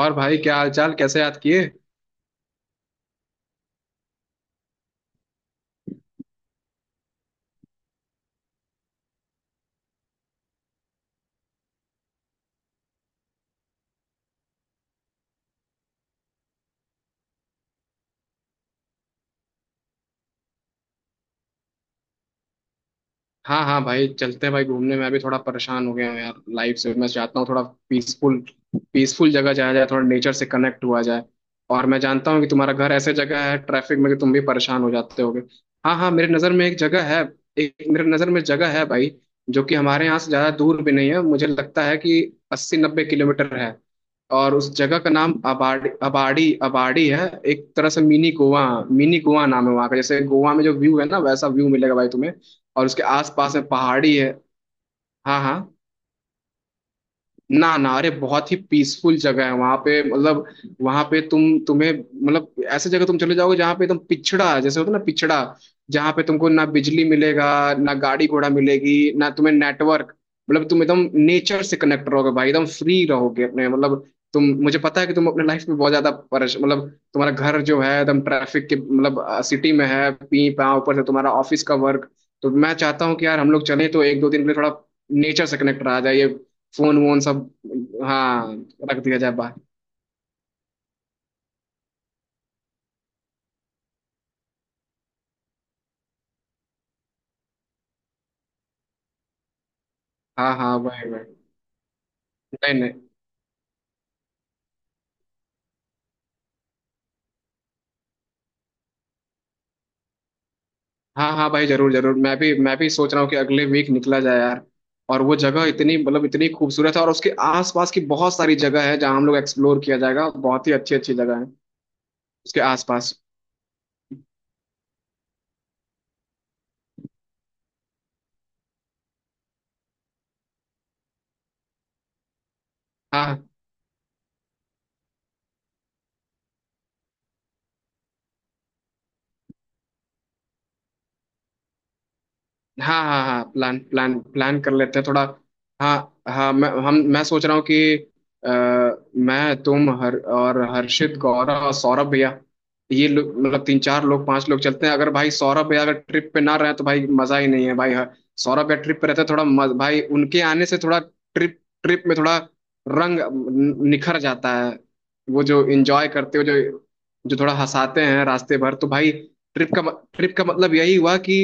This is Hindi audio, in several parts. और भाई, क्या हाल चाल? कैसे याद किए? हाँ हाँ भाई, चलते हैं भाई घूमने। मैं भी थोड़ा परेशान हो गया हूँ यार, लाइफ से। मैं चाहता हूँ थोड़ा पीसफुल पीसफुल जगह जाया जाए, थोड़ा नेचर से कनेक्ट हुआ जाए। और मैं जानता हूँ कि तुम्हारा घर ऐसे जगह है ट्रैफिक में कि तुम भी परेशान हो जाते होगे। हाँ हाँ, मेरे नज़र में एक जगह है। एक मेरे नज़र में जगह है भाई, जो कि हमारे यहाँ से ज़्यादा दूर भी नहीं है। मुझे लगता है कि 80-90 किलोमीटर है। और उस जगह का नाम अबाड़ी अबाड़ी अबाड़ी है, एक तरह से मिनी गोवा। मिनी गोवा नाम है वहाँ का। जैसे गोवा में जो व्यू है ना, वैसा व्यू मिलेगा भाई तुम्हें। और उसके आसपास में पहाड़ी है। हाँ हाँ। ना ना, अरे बहुत ही पीसफुल जगह है वहां पे। मतलब वहां पे तुम्हें, मतलब ऐसे जगह तुम चले जाओगे जहाँ पे एकदम पिछड़ा जैसे होता है ना, पिछड़ा। जहाँ पे तुमको ना बिजली मिलेगा, ना गाड़ी घोड़ा मिलेगी, ना तुम्हें नेटवर्क। मतलब तुम एकदम नेचर से कनेक्ट रहोगे भाई, एकदम फ्री रहोगे अपने। मतलब तुम, मुझे पता है कि तुम अपने लाइफ में बहुत ज्यादा परेश, मतलब तुम्हारा घर जो है एकदम ट्रैफिक के, मतलब सिटी में है, पी पा, ऊपर से तुम्हारा ऑफिस का वर्क। तो मैं चाहता हूँ कि यार हम लोग चलें तो एक दो दिन के लिए, थोड़ा नेचर से कनेक्ट रहा जाए। ये फोन वोन सब। हाँ, रख दिया जाए बाहर। हाँ हाँ भाई भाई। नहीं नहीं। हाँ हाँ भाई, जरूर जरूर, मैं भी सोच रहा हूँ कि अगले वीक निकला जाए यार। और वो जगह इतनी, मतलब इतनी खूबसूरत है, और उसके आसपास की बहुत सारी जगह है जहाँ हम लोग एक्सप्लोर किया जाएगा। बहुत ही अच्छी अच्छी जगह है उसके आसपास। हाँ हाँ हाँ हाँ, प्लान प्लान प्लान कर लेते हैं थोड़ा। हाँ हाँ, मैं सोच रहा हूँ कि अ, मैं, तुम, हर और हर्षित, गौरव और सौरभ भैया, ये लोग, मतलब तीन चार लोग, पांच लोग चलते हैं। अगर भाई सौरभ भैया अगर ट्रिप पे ना रहे तो भाई मजा ही नहीं है भाई। हाँ, सौरभ भैया ट्रिप पे रहते हैं, थोड़ा मज, भाई उनके आने से थोड़ा ट्रिप ट्रिप में थोड़ा रंग निखर जाता है। वो जो एंजॉय करते हो, जो जो थोड़ा हंसाते हैं रास्ते भर, तो भाई, ट्रिप का ट्रिप का मतलब यही हुआ कि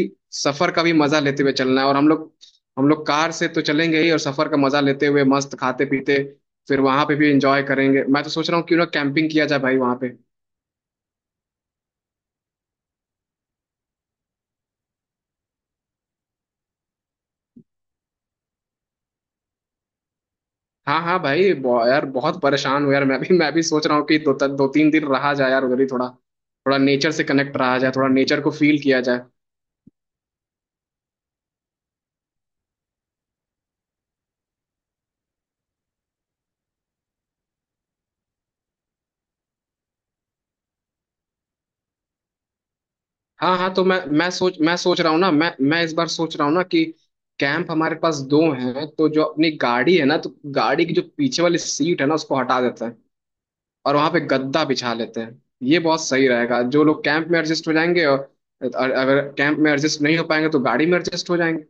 सफर का भी मजा लेते हुए चलना है। और हम लोग कार से तो चलेंगे ही, और सफर का मजा लेते हुए मस्त खाते पीते, फिर वहां पे भी एंजॉय करेंगे। मैं तो सोच रहा हूँ क्यों ना कैंपिंग किया जाए भाई वहां पे। हाँ हाँ भाई, यार बहुत परेशान हूँ यार। मैं भी सोच रहा हूँ कि दो दो तीन दिन रहा जाए यार उधर ही, थोड़ा थोड़ा नेचर से कनेक्ट रहा जाए, थोड़ा नेचर को फील किया जाए। हाँ हाँ, तो मैं सोच रहा हूँ ना, मैं इस बार सोच रहा हूँ ना कि कैंप हमारे पास दो हैं, तो जो अपनी गाड़ी है ना, तो गाड़ी की जो पीछे वाली सीट है ना, उसको हटा देते हैं और वहां पे गद्दा बिछा लेते हैं। ये बहुत सही रहेगा। जो लोग कैंप में एडजस्ट हो जाएंगे, और अगर कैंप में एडजस्ट नहीं हो पाएंगे तो गाड़ी में एडजस्ट हो जाएंगे।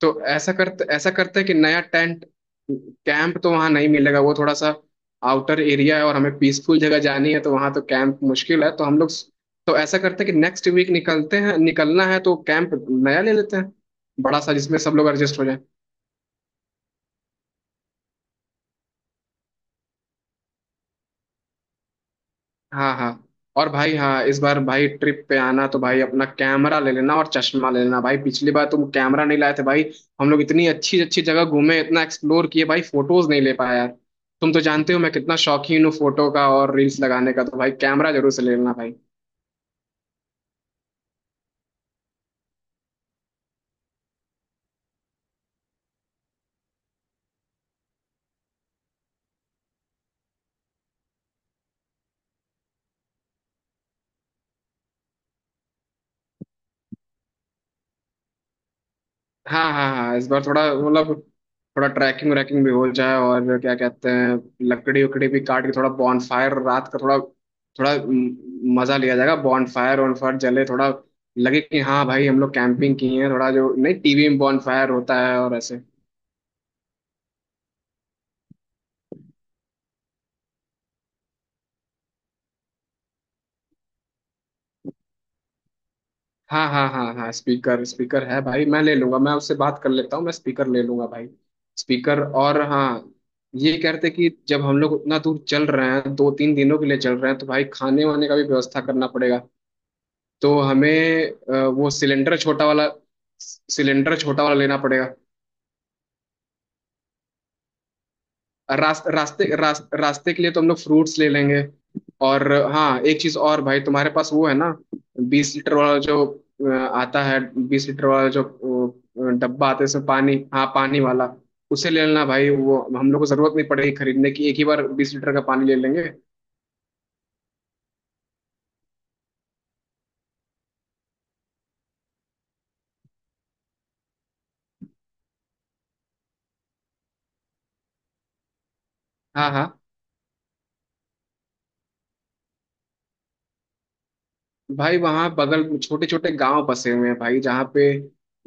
तो ऐसा करते हैं कि नया टेंट, कैंप तो वहां नहीं मिलेगा, वो थोड़ा सा आउटर एरिया है और हमें पीसफुल जगह जानी है, तो वहां तो कैंप मुश्किल है, तो हम लोग, तो ऐसा करते हैं कि नेक्स्ट वीक निकलते हैं, निकलना है तो कैंप नया ले लेते हैं बड़ा सा जिसमें सब लोग एडजस्ट हो जाए। हाँ हाँ। और भाई, हाँ, इस बार भाई ट्रिप पे आना तो भाई अपना कैमरा ले लेना और चश्मा ले लेना भाई। पिछली बार तुम कैमरा नहीं लाए थे भाई। हम लोग इतनी अच्छी अच्छी जगह घूमे, इतना एक्सप्लोर किए भाई, फोटोज नहीं ले पाया यार। तुम तो जानते हो मैं कितना शौकीन हूँ फोटो का और रील्स लगाने का, तो भाई कैमरा जरूर से ले लेना भाई। हाँ हाँ हाँ, इस बार थोड़ा, मतलब थोड़ा ट्रैकिंग व्रैकिंग भी हो जाए, और क्या कहते हैं, लकड़ी उकड़ी भी काट के थोड़ा बॉनफायर, रात का थोड़ा थोड़ा मजा लिया जाएगा, बॉनफायर वॉनफायर जले, थोड़ा लगे कि हाँ भाई हम लोग कैंपिंग किए हैं, थोड़ा जो नहीं टीवी में बॉनफायर होता है, और ऐसे। हाँ हाँ हाँ हाँ, स्पीकर स्पीकर है भाई, मैं ले लूंगा। मैं उससे बात कर लेता हूँ, मैं स्पीकर ले लूंगा भाई। स्पीकर। और हाँ, ये कहते कि जब हम लोग उतना दूर चल रहे हैं, 2-3 दिनों के लिए चल रहे हैं, तो भाई खाने वाने का भी व्यवस्था करना पड़ेगा। तो हमें वो सिलेंडर छोटा वाला लेना पड़ेगा। रास्ते के लिए तो हम लोग फ्रूट्स ले लेंगे। और हाँ, एक चीज और भाई, तुम्हारे पास वो है ना, 20 लीटर वाला जो अ, आता है, बीस लीटर वाला जो डब्बा आता है, इसमें पानी, हाँ पानी वाला। उसे ले लेना भाई, वो हम लोग को जरूरत नहीं पड़ेगी खरीदने की, एक ही बार 20 लीटर का पानी ले लेंगे। हाँ हाँ भाई, वहाँ बगल छोटे छोटे गांव बसे हुए हैं भाई, जहाँ पे,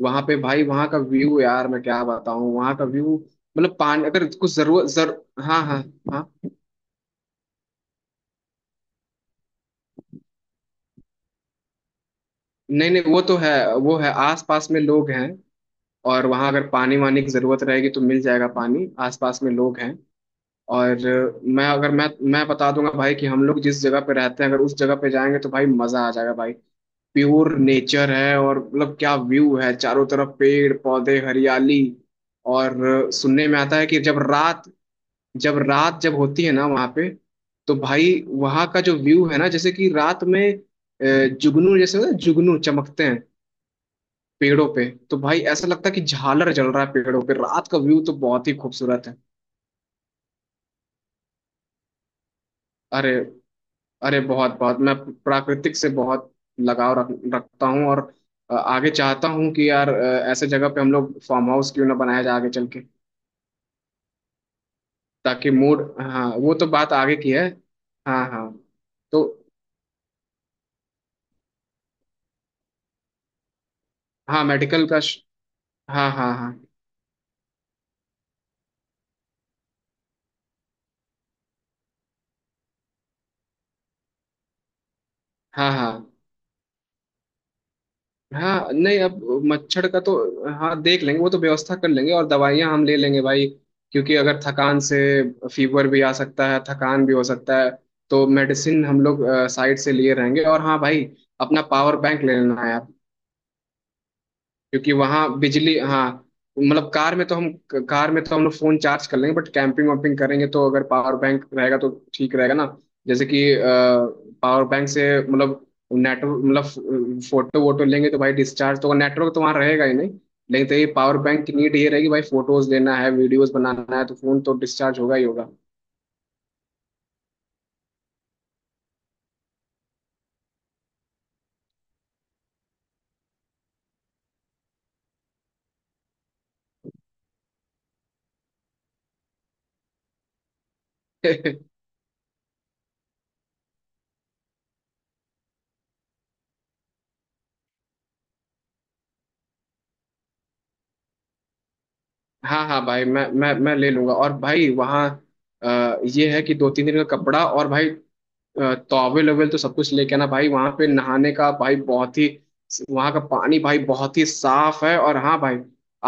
वहाँ पे भाई, वहाँ का व्यू यार, मैं क्या बताऊँ, वहाँ का व्यू, मतलब पानी अगर कुछ जरूरत जर। हाँ हाँ हाँ। नहीं नहीं, वो तो है, वो है आस पास में लोग हैं। और वहाँ अगर पानी वानी की जरूरत रहेगी तो मिल जाएगा पानी, आस पास में लोग हैं। और मैं, अगर मैं बता दूंगा भाई कि हम लोग जिस जगह पे रहते हैं, अगर उस जगह पे जाएंगे तो भाई मजा आ जाएगा भाई। प्योर नेचर है, और मतलब क्या व्यू है, चारों तरफ पेड़ पौधे, हरियाली। और सुनने में आता है कि जब रात जब रात जब होती है ना वहाँ पे, तो भाई वहाँ का जो व्यू है ना, जैसे कि रात में जुगनू जैसे होता है, जुगनू चमकते हैं पेड़ों पे, तो भाई ऐसा लगता है कि झालर जल रहा है पेड़ों पे। रात का व्यू तो बहुत ही खूबसूरत है। अरे, अरे बहुत बहुत, मैं प्राकृतिक से बहुत लगाव रखता हूँ। और आगे चाहता हूँ कि यार, ऐसे जगह पे हम लोग फार्म हाउस क्यों ना बनाया जाए आगे चल के, ताकि मूड। हाँ, वो तो बात आगे की है। हाँ हाँ, तो हाँ, मेडिकल का हाँ हाँ हाँ हाँ हाँ हाँ, नहीं अब मच्छर का तो हाँ देख लेंगे, वो तो व्यवस्था कर लेंगे। और दवाइयाँ हम ले लेंगे भाई, क्योंकि अगर थकान से फीवर भी आ सकता है, थकान भी हो सकता है। तो मेडिसिन हम लोग साइड से लिए रहेंगे। और हाँ भाई, अपना पावर बैंक ले लेना है, क्योंकि वहाँ बिजली, हाँ, मतलब कार में तो हम लोग फोन चार्ज कर लेंगे, बट कैंपिंग वैम्पिंग करेंगे तो अगर पावर बैंक रहेगा तो ठीक रहेगा ना। जैसे कि पावर बैंक से, मतलब नेटवर्क, मतलब फोटो वोटो लेंगे तो भाई डिस्चार्ज, तो नेटवर्क तो वहाँ रहेगा ही नहीं, लेकिन तो ये पावर बैंक की नीड ये रहेगी भाई, फोटोज लेना है, वीडियोज बनाना है, तो फोन तो डिस्चार्ज होगा ही होगा। हाँ हाँ भाई, मैं ले लूंगा। और भाई वहाँ ये है कि 2-3 दिन का कपड़ा, और भाई टॉवेल वेल तो सब कुछ लेके आना भाई। वहां पे नहाने का भाई, बहुत ही वहां का पानी भाई बहुत ही साफ है। और हाँ भाई,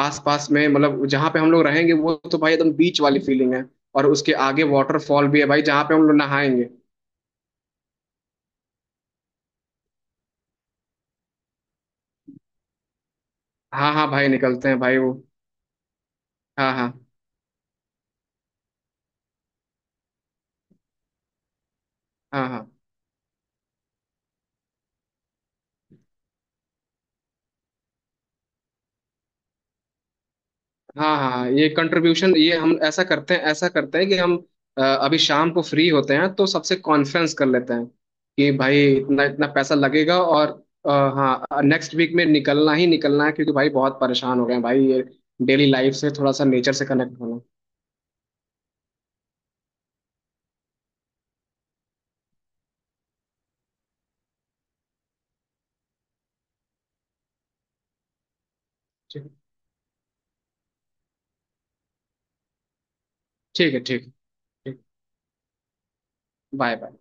आसपास में, मतलब जहाँ पे हम लोग रहेंगे वो तो भाई एकदम बीच वाली फीलिंग है, और उसके आगे वाटरफॉल भी है भाई, जहाँ पे हम लोग नहाएंगे। हाँ हाँ भाई, निकलते हैं भाई, वो। हाँ हाँ हाँ हाँ हाँ हाँ, हाँ, ये कंट्रीब्यूशन, ये हम, ऐसा करते हैं कि हम अभी शाम को फ्री होते हैं तो सबसे कॉन्फ्रेंस कर लेते हैं कि भाई इतना इतना पैसा लगेगा, और हाँ, नेक्स्ट वीक में निकलना ही निकलना है, क्योंकि भाई बहुत परेशान हो गए हैं भाई, ये डेली लाइफ से, थोड़ा सा नेचर से कनेक्ट होना। ठीक, ठीक है। ठीक है। Bye bye.